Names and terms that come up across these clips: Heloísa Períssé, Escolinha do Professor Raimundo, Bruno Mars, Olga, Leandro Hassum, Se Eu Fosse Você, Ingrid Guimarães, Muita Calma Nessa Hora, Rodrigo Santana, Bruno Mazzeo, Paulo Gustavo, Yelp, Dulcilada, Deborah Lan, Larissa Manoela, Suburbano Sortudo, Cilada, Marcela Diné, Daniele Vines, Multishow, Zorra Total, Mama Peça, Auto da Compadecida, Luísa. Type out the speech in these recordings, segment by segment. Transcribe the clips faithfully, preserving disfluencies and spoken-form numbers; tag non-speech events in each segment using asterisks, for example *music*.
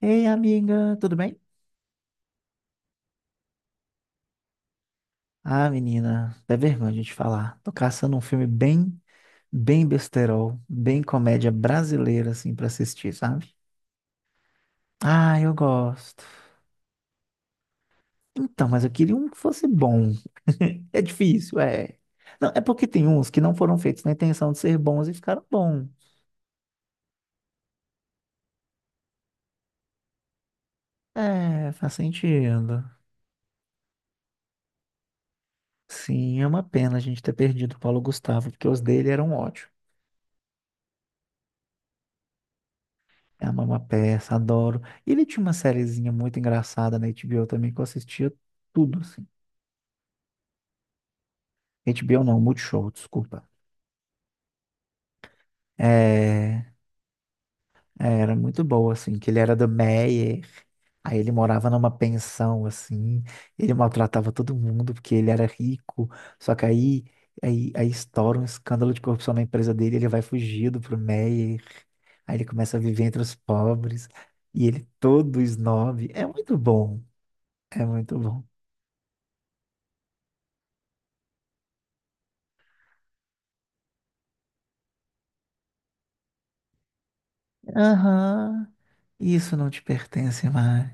Ei, amiga, tudo bem? Ah, menina, é vergonha de falar. Tô caçando um filme bem, bem besterol, bem comédia brasileira, assim, pra assistir, sabe? Ah, eu gosto. Então, mas eu queria um que fosse bom. *laughs* É difícil, é. Não, é porque tem uns que não foram feitos na intenção de ser bons e ficaram bons. É, faz sentido. Sim, é uma pena a gente ter perdido o Paulo Gustavo, porque os dele eram ótimos. É a Mama Peça, adoro. E ele tinha uma sériezinha muito engraçada na H B O também que eu assistia tudo, assim. H B O não, Multishow, desculpa. É, é, era muito boa, assim, que ele era do Meyer, aí ele morava numa pensão, assim, ele maltratava todo mundo porque ele era rico, só que aí, aí, aí estoura um escândalo de corrupção na empresa dele, ele vai fugido pro Meyer, aí ele começa a viver entre os pobres, e ele todo snob, é muito bom, é muito bom. Aham. Isso não te pertence mais.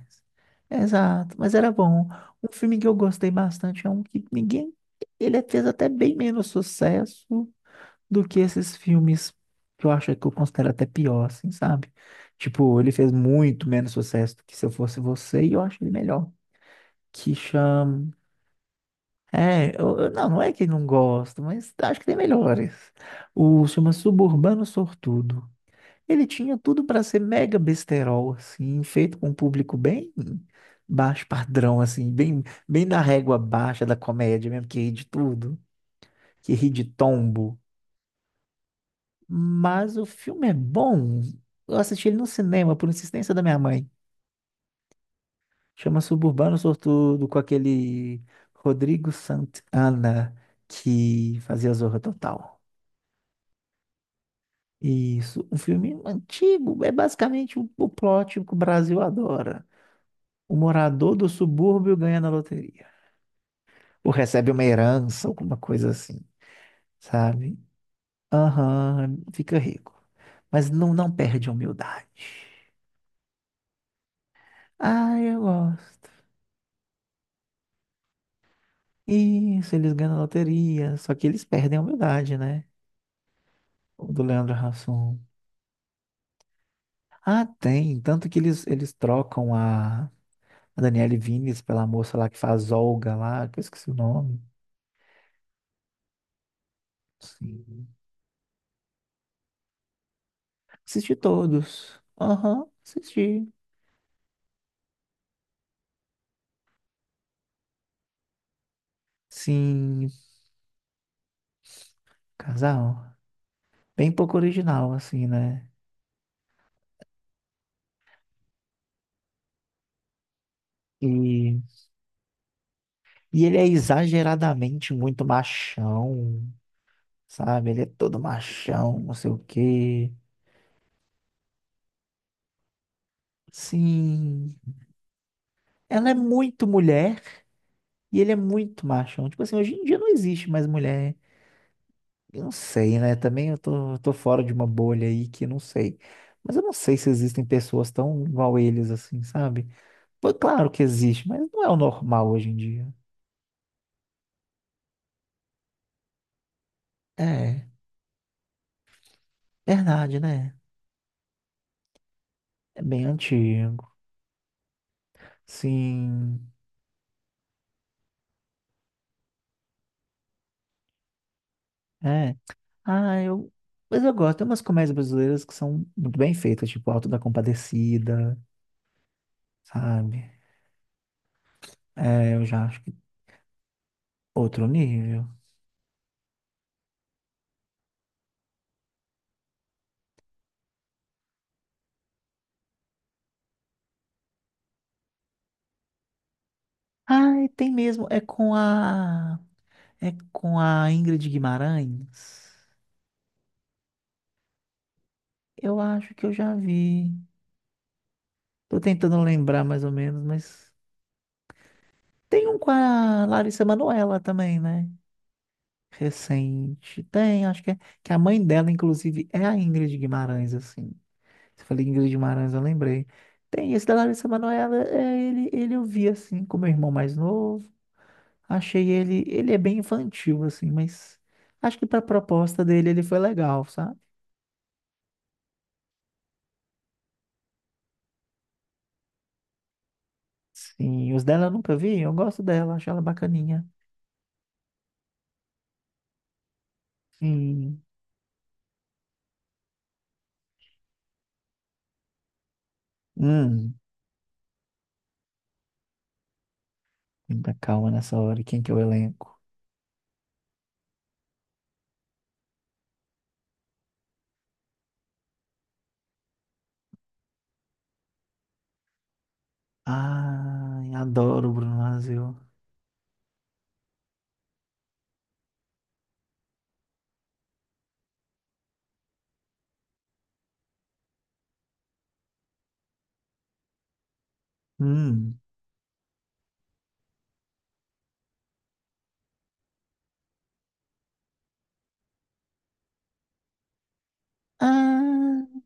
Exato, mas era bom. Um filme que eu gostei bastante é um que ninguém. Ele fez até bem menos sucesso do que esses filmes que eu acho que eu considero até pior, assim, sabe? Tipo, ele fez muito menos sucesso do que Se Eu Fosse Você e eu acho ele melhor. Que chama. É, eu- eu- não, não é que não gosto, mas acho que tem melhores. O chama Suburbano Sortudo. Ele tinha tudo para ser mega besterol, assim, feito com um público bem baixo padrão, assim, bem, bem na régua baixa da comédia mesmo, que ri de tudo, que ri de tombo. Mas o filme é bom. Eu assisti ele no cinema por insistência da minha mãe. Chama Suburbano Sortudo com aquele Rodrigo Santana que fazia Zorra Total. Isso, um filme antigo, é basicamente o, o plot que o Brasil adora. O morador do subúrbio ganha na loteria. Ou recebe uma herança, alguma coisa assim, sabe? Aham, fica rico. Mas não, não perde a humildade. Ah, eu gosto. Isso, eles ganham na loteria. Só que eles perdem a humildade, né? O do Leandro Hassum. Ah, tem. Tanto que eles, eles trocam a, a Daniele Vines pela moça lá que faz Olga lá, que eu esqueci o nome. Sim. Assisti todos. Aham, assisti. Sim, casal. Bem pouco original, assim, né? E, e ele é exageradamente muito machão, sabe? Ele é todo machão, não sei o quê. Sim, ela é muito mulher e ele é muito machão. Tipo assim, hoje em dia não existe mais mulher. Eu não sei, né? Também eu tô, tô fora de uma bolha aí que não sei. Mas eu não sei se existem pessoas tão igual eles, assim, sabe? Pô, claro que existe, mas não é o normal hoje em dia. É, verdade, né? É bem antigo. Sim. É. Ah, eu. Mas eu gosto. Tem umas comédias brasileiras que são muito bem feitas, tipo Auto da Compadecida, sabe? É, eu já acho que outro nível. Ah, e tem mesmo. É com a. É com a Ingrid Guimarães. Eu acho que eu já vi. Tô tentando lembrar mais ou menos, mas. Tem um com a Larissa Manoela também, né? Recente. Tem, acho que é. Que a mãe dela, inclusive, é a Ingrid Guimarães, assim. Você falou Ingrid Guimarães, eu lembrei. Tem esse da Larissa Manoela, é, ele, ele eu vi assim com meu irmão mais novo. Achei ele, ele é bem infantil assim, mas acho que para proposta dele ele foi legal, sabe? Sim, os dela eu nunca vi, eu gosto dela, acho ela bacaninha. Sim. Hum, muita calma nessa hora, quem que é o elenco? Ai, adoro o Bruno Mazzeo. Hum. Ah,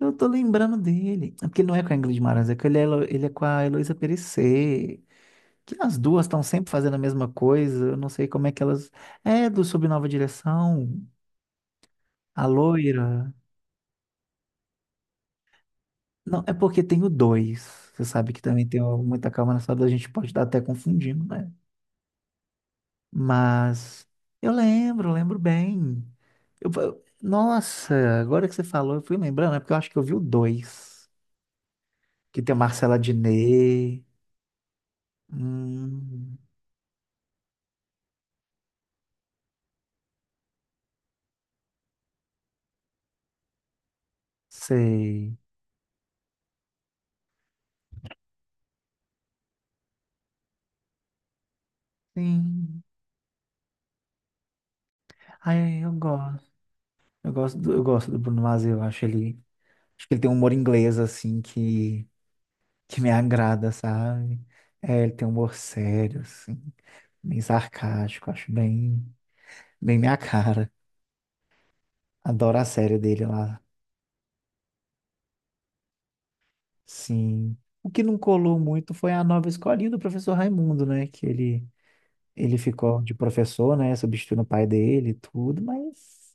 eu tô lembrando dele. É porque não é com a Ingrid Guimarães, é que ele é, Helo- ele é com a Heloísa Perecer. Que as duas estão sempre fazendo a mesma coisa. Eu não sei como é que elas. É do Sob Nova Direção, a loira. Não, é porque tem o dois. Você sabe que também tem o muita calma nessa dor, a gente pode estar até confundindo, né? Mas eu lembro, lembro bem. Eu- eu- nossa, agora que você falou, eu fui lembrando, é porque eu acho que eu vi o dois. Que tem a Marcela Diné. Hum, sei. Sim. Ai, eu gosto. Eu gosto do, eu gosto do Bruno Mars, eu acho ele. Acho que ele tem um humor inglês, assim, que, que me agrada, sabe? É, ele tem um humor sério, assim, bem sarcástico, acho bem, bem minha cara. Adoro a série dele lá. Sim. O que não colou muito foi a nova escolinha do professor Raimundo, né? Que ele, ele ficou de professor, né? Substituindo o pai dele e tudo, mas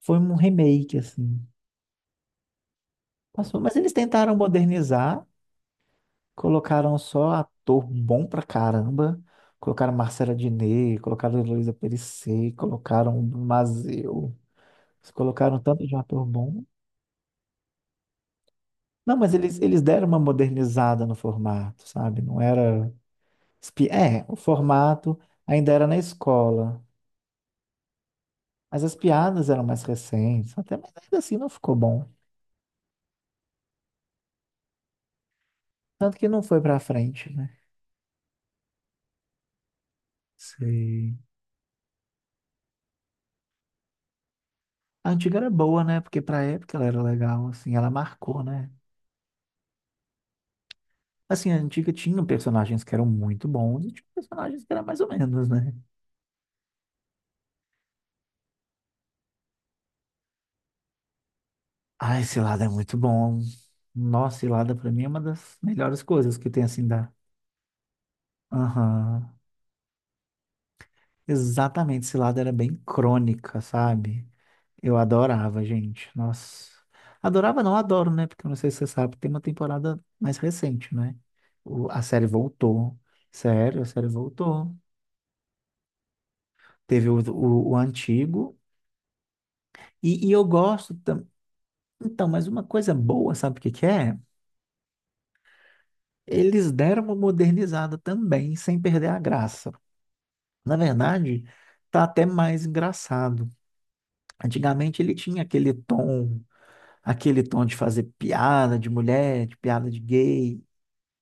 foi um remake, assim. Passou. Mas eles tentaram modernizar, colocaram só ator bom pra caramba. Colocaram Marcela Diné, colocaram Heloísa Périssé, colocaram Mazeu. Eles colocaram tanto de ator bom. Não, mas eles, eles deram uma modernizada no formato, sabe? Não era. as pi- É, o formato ainda era na escola. Mas as piadas eram mais recentes. Até, mas ainda assim não ficou bom. Tanto que não foi pra frente, né? Sei. A antiga era boa, né? Porque pra época ela era legal, assim, ela marcou, né? Assim, a antiga tinha personagens que eram muito bons e tinha personagens que eram mais ou menos, né? Ah, esse lado é muito bom. Nossa, Cilada pra mim é uma das melhores coisas que tem assim da. Aham. Exatamente, Cilada era bem crônica, sabe? Eu adorava, gente. Nossa. Adorava, não adoro, né? Porque eu não sei se você sabe, tem uma temporada mais recente, né? O- a série voltou. Sério, a série voltou. Teve o, o, o antigo. E, e eu gosto. Então, mas uma coisa boa, sabe o que que é? Eles deram uma modernizada também, sem perder a graça. Na verdade, tá até mais engraçado. Antigamente ele tinha aquele tom, aquele tom de fazer piada de mulher, de piada de gay, e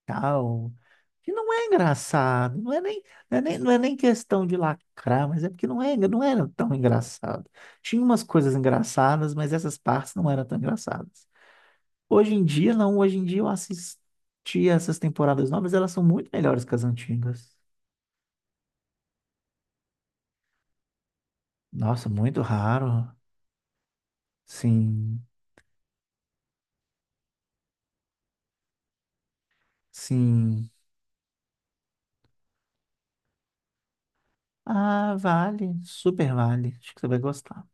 tal, que não é engraçado, não é nem, não é nem, não é nem questão de lacrar, mas é porque não é, não era tão engraçado. Tinha umas coisas engraçadas, mas essas partes não eram tão engraçadas. Hoje em dia, não. Hoje em dia eu assisti essas temporadas novas, elas são muito melhores que as antigas. Nossa, muito raro. Sim, sim. Ah, vale. Super vale. Acho que você vai gostar.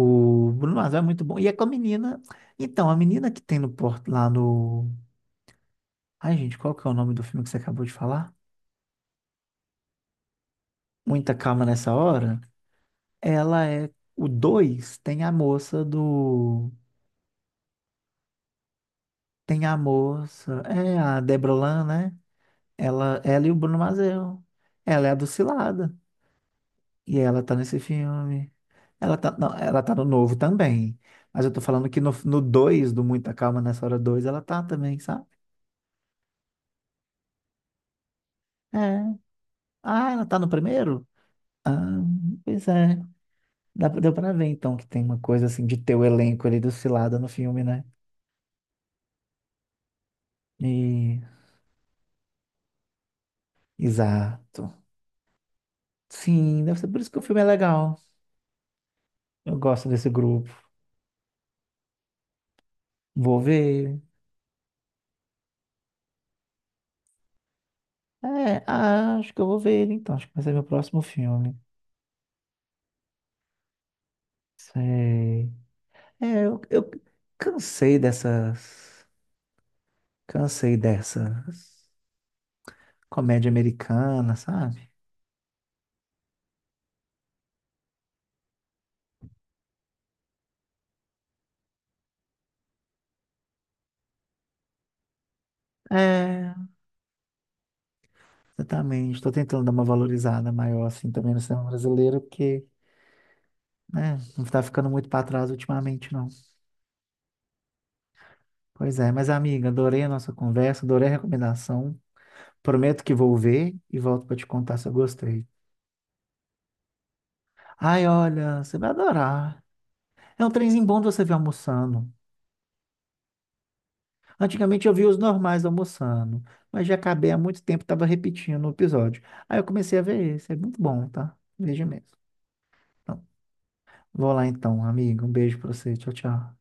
O Bruno Mars é muito bom. E é com a menina. Então, a menina que tem no porto lá no. Ai, gente, qual que é o nome do filme que você acabou de falar? Muita calma nessa hora. Ela é. O dois tem a moça do. Tem a moça. É a Deborah Lan, né? Ela, ela e o Bruno Mazel. Ela é a Dulcilada. E ela tá nesse filme. Ela tá, não, ela tá no novo também. Mas eu tô falando que no, no dois do Muita Calma, nessa hora dois ela tá também, sabe? É. Ah, ela tá no primeiro? Ah, pois é. Dá, pra- deu pra ver, então, que tem uma coisa assim de ter o elenco ali Dulcilada no filme, né? E... Exato. Sim, deve ser por isso que o filme é legal. Eu gosto desse grupo. Vou ver. É, ah, acho que eu vou ver ele então. Acho que vai ser meu próximo filme. Sei. É, eu, eu cansei dessas. Cansei dessas. Comédia americana, sabe? É, exatamente. Estou tentando dar uma valorizada maior, assim, também no cinema brasileiro, porque, né, não está ficando muito para trás ultimamente, não. Pois é, mas amiga, adorei a nossa conversa, adorei a recomendação. Prometo que vou ver e volto para te contar se eu gostei. Ai, olha, você vai adorar. É um trenzinho bom de você ver almoçando. Antigamente eu via os normais almoçando, mas já acabei há muito tempo, estava repetindo o episódio. Aí eu comecei a ver esse, é muito bom, tá? Veja mesmo. Então, vou lá então, amigo. Um beijo pra você. Tchau, tchau.